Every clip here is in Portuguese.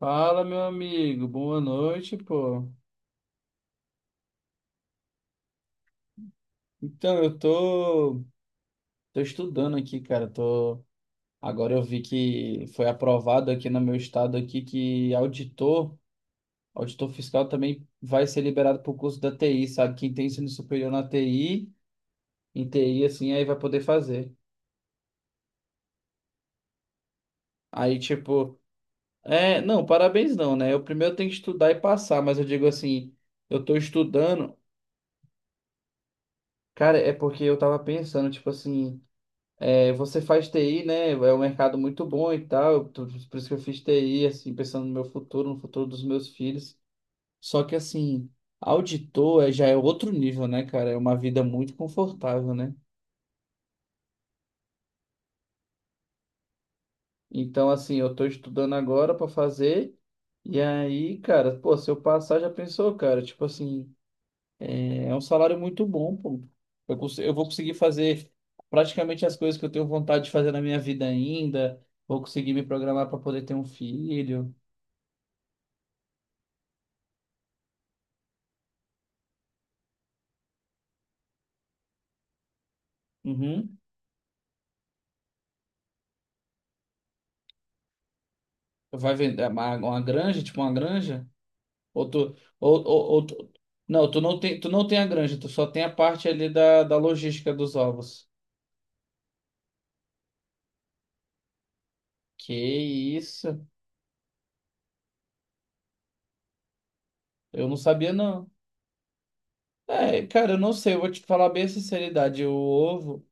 Fala, meu amigo, boa noite, pô. Eu tô estudando aqui, cara. Agora eu vi que foi aprovado aqui no meu estado aqui que auditor fiscal também vai ser liberado pro curso da TI, sabe? Quem tem ensino superior na TI, em TI, assim, aí vai poder fazer. Aí, tipo, não, parabéns não, né? Eu primeiro tenho que estudar e passar, mas eu digo assim, eu tô estudando, cara, é porque eu tava pensando, tipo assim. É, você faz TI, né? É um mercado muito bom e tal. Por isso que eu fiz TI, assim, pensando no meu futuro, no futuro dos meus filhos. Só que, assim, já é outro nível, né, cara? É uma vida muito confortável, né? Então, assim, eu tô estudando agora para fazer. E aí, cara, pô, se eu passar, já pensou, cara? Tipo assim, é um salário muito bom, pô. Eu vou conseguir fazer praticamente as coisas que eu tenho vontade de fazer na minha vida ainda. Vou conseguir me programar para poder ter um filho. Uhum. Vai vender é, uma granja, tipo uma granja? Ou tu- Não, tu não tem a granja, tu só tem a parte ali da logística dos ovos. Que isso? Eu não sabia não. É, cara, eu não sei, eu vou te falar bem a sinceridade,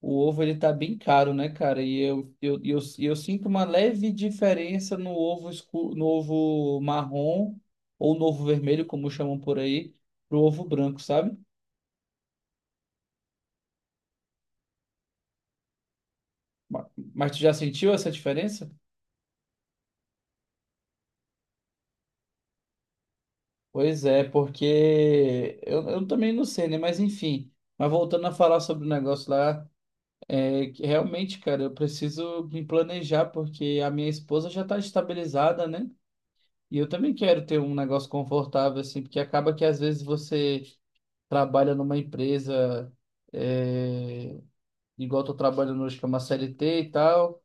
o ovo ele tá bem caro, né, cara? E eu sinto uma leve diferença no ovo escuro, no ovo marrom ou no ovo vermelho, como chamam por aí, pro ovo branco, sabe? Ma- Mas tu já sentiu essa diferença? Pois é, porque eu também não sei, né? Mas enfim. Mas voltando a falar sobre o negócio lá, é que realmente, cara, eu preciso me planejar, porque a minha esposa já tá estabilizada, né? E eu também quero ter um negócio confortável, assim, porque acaba que às vezes você trabalha numa empresa, é, igual eu tô trabalhando hoje, que é uma CLT e tal,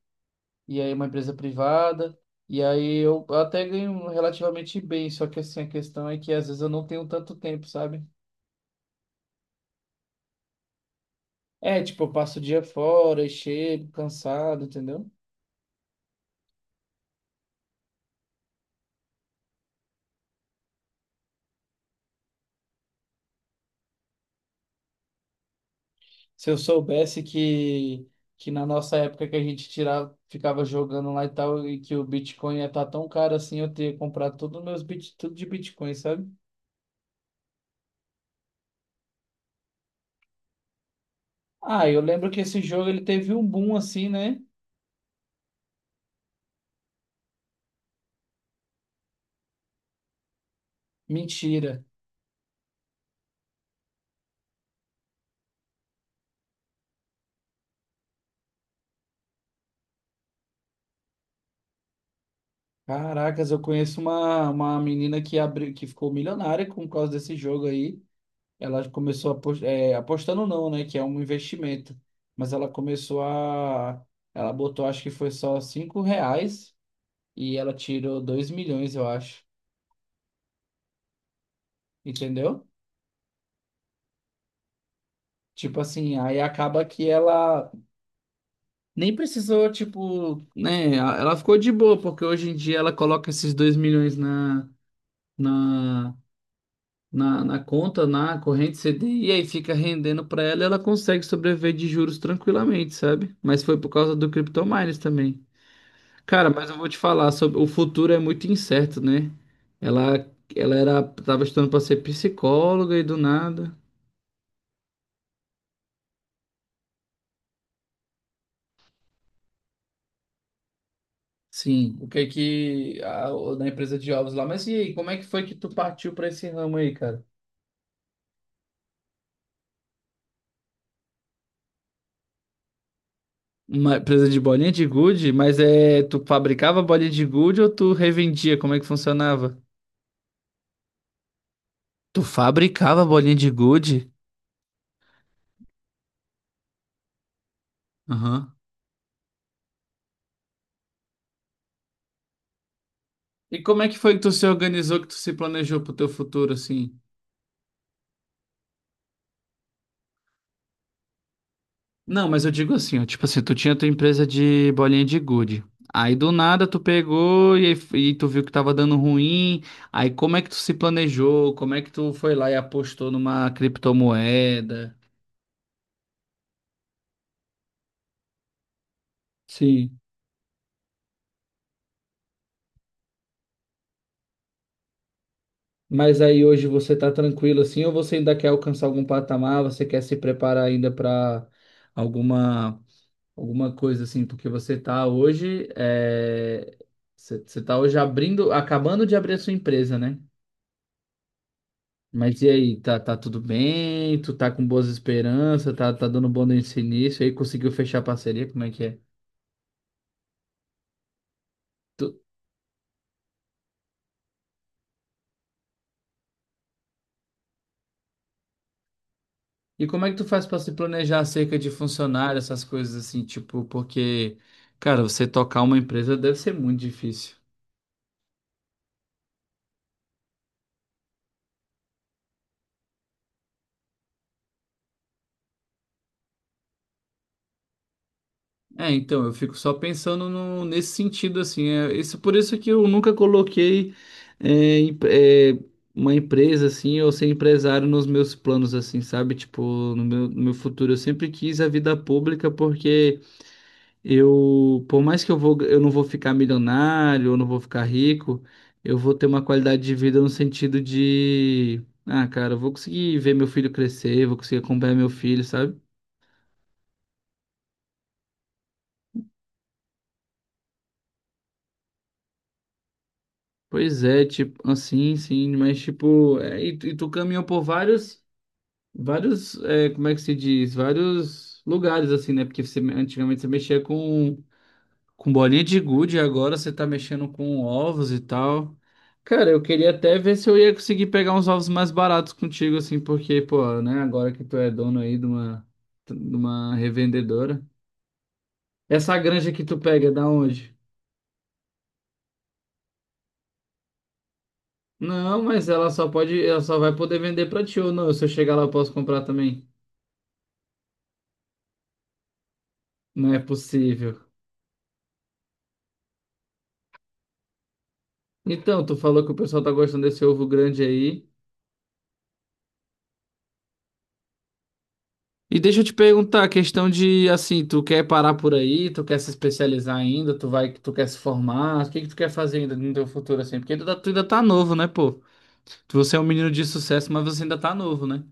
e aí é uma empresa privada. E aí eu até ganho relativamente bem, só que assim, a questão é que às vezes eu não tenho tanto tempo, sabe? É, tipo, eu passo o dia fora e chego cansado, entendeu? Se eu soubesse que na nossa época que a gente tirava, ficava jogando lá e tal, e que o Bitcoin ia estar tão caro assim, eu teria comprado todos os meus bit, tudo de Bitcoin, sabe? Ah, eu lembro que esse jogo ele teve um boom assim, né? Mentira. Caracas, eu conheço uma menina que abriu, que ficou milionária com causa desse jogo aí. Ela começou a pos- É, apostando não, né? Que é um investimento. Mas ela começou a. Ela botou, acho que foi só R$ 5 e ela tirou 2 milhões, eu acho. Entendeu? Tipo assim, aí acaba que ela nem precisou, tipo, né? Ela ficou de boa, porque hoje em dia ela coloca esses 2 milhões na, na conta, na corrente CDI, e aí fica rendendo pra ela e ela consegue sobreviver de juros tranquilamente, sabe? Mas foi por causa do CryptoMines também. Cara, mas eu vou te falar sobre o futuro é muito incerto, né? Ela, ela era, tava estudando para ser psicóloga e do nada. Sim, o que é que da empresa de ovos lá. Mas e aí, como é que foi que tu partiu para esse ramo aí, cara? Uma empresa de bolinha de gude, mas é, tu fabricava bolinha de gude ou tu revendia? Como é que funcionava? Tu fabricava bolinha de gude? Aham. E como é que foi que tu se organizou, que tu se planejou pro teu futuro, assim? Não, mas eu digo assim, ó, tipo assim, tu tinha tua empresa de bolinha de gude. Aí do nada tu pegou e, aí- E tu viu que tava dando ruim. Aí como é que tu se planejou? Como é que tu foi lá e apostou numa criptomoeda? Sim. Mas aí hoje você tá tranquilo assim, ou você ainda quer alcançar algum patamar? Você quer se preparar ainda para alguma alguma coisa assim? Porque você tá hoje, você tá hoje abrindo, acabando de abrir a sua empresa, né? Mas e aí, tá tudo bem? Tu tá com boas esperanças? Tá dando bom nesse início? Aí conseguiu fechar a parceria? Como é que é? Tu- E como é que tu faz pra se planejar acerca de funcionário, essas coisas assim, tipo, porque, cara, você tocar uma empresa deve ser muito difícil. É, então, eu fico só pensando nesse sentido, assim, isso, por isso que eu nunca coloquei é, em- é, uma empresa, assim, ou ser empresário nos meus planos, assim, sabe? Tipo, no meu futuro, eu sempre quis a vida pública porque eu, por mais que eu vou, eu não vou ficar milionário, eu não vou ficar rico, eu vou ter uma qualidade de vida no sentido de, ah, cara, eu vou conseguir ver meu filho crescer, vou conseguir acompanhar meu filho, sabe? Pois é, tipo, assim, sim, mas tipo, tu caminhou por vários, é, como é que se diz? Vários lugares, assim, né? Porque você, antigamente você mexia com bolinha de gude, agora você tá mexendo com ovos e tal. Cara, eu queria até ver se eu ia conseguir pegar uns ovos mais baratos contigo, assim, porque, pô, né, agora que tu é dono aí de de uma revendedora. Essa granja que tu pega é da onde? Não, mas ela só pode, ela só vai poder vender pra ti ou não. Se eu chegar lá, eu posso comprar também. Não é possível. Então, tu falou que o pessoal tá gostando desse ovo grande aí. E deixa eu te perguntar, a questão de assim, tu quer parar por aí, tu quer se especializar ainda, tu quer se formar, o que que tu quer fazer ainda no teu futuro assim? Porque tu ainda tá novo, né, pô? Você é um menino de sucesso, mas você ainda tá novo, né?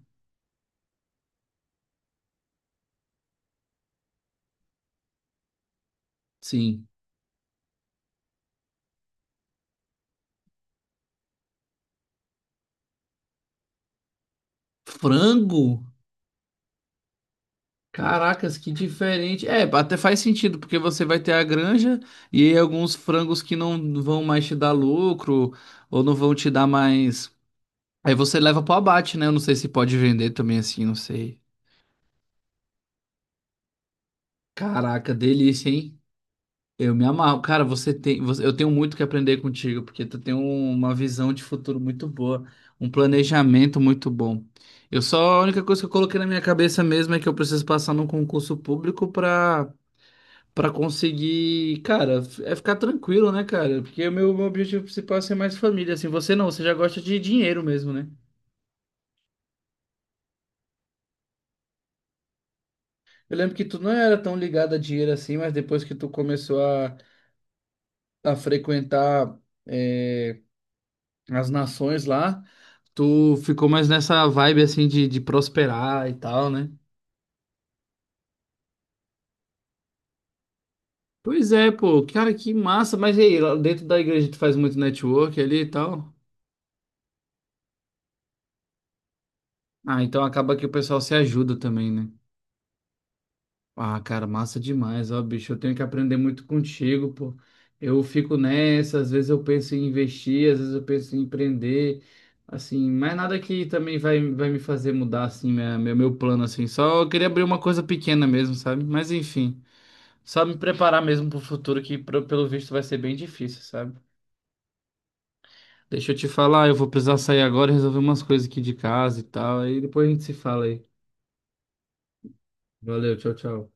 Sim. Frango? Caracas, que diferente. É, até faz sentido, porque você vai ter a granja e aí alguns frangos que não vão mais te dar lucro ou não vão te dar mais. Aí você leva pro abate, né? Eu não sei se pode vender também assim, não sei. Caraca, delícia, hein? Eu me amarro. Cara, eu tenho muito que aprender contigo, porque uma visão de futuro muito boa, um planejamento muito bom. A única coisa que eu coloquei na minha cabeça mesmo é que eu preciso passar num concurso público pra, pra conseguir, cara, ficar tranquilo, né, cara? Porque o meu objetivo principal é ser mais família, assim. Você não, você já gosta de dinheiro mesmo, né? Eu lembro que tu não era tão ligado a dinheiro assim, mas depois que tu começou a frequentar. eh, as nações lá, tu ficou mais nessa vibe assim de prosperar e tal, né? Pois é, pô, cara, que massa. Mas e aí, lá dentro da igreja tu faz muito network ali e tal? Ah, então acaba que o pessoal se ajuda também, né? Ah, cara, massa demais, ó, bicho. Eu tenho que aprender muito contigo, pô. Eu fico nessa, às vezes eu penso em investir, às vezes eu penso em empreender, assim, mas nada que também vai me fazer mudar, assim, meu plano, assim. Só eu queria abrir uma coisa pequena mesmo, sabe? Mas enfim. Só me preparar mesmo pro futuro, que pelo visto vai ser bem difícil, sabe? Deixa eu te falar, eu vou precisar sair agora e resolver umas coisas aqui de casa e tal. Aí depois a gente se fala aí. Valeu, tchau, tchau.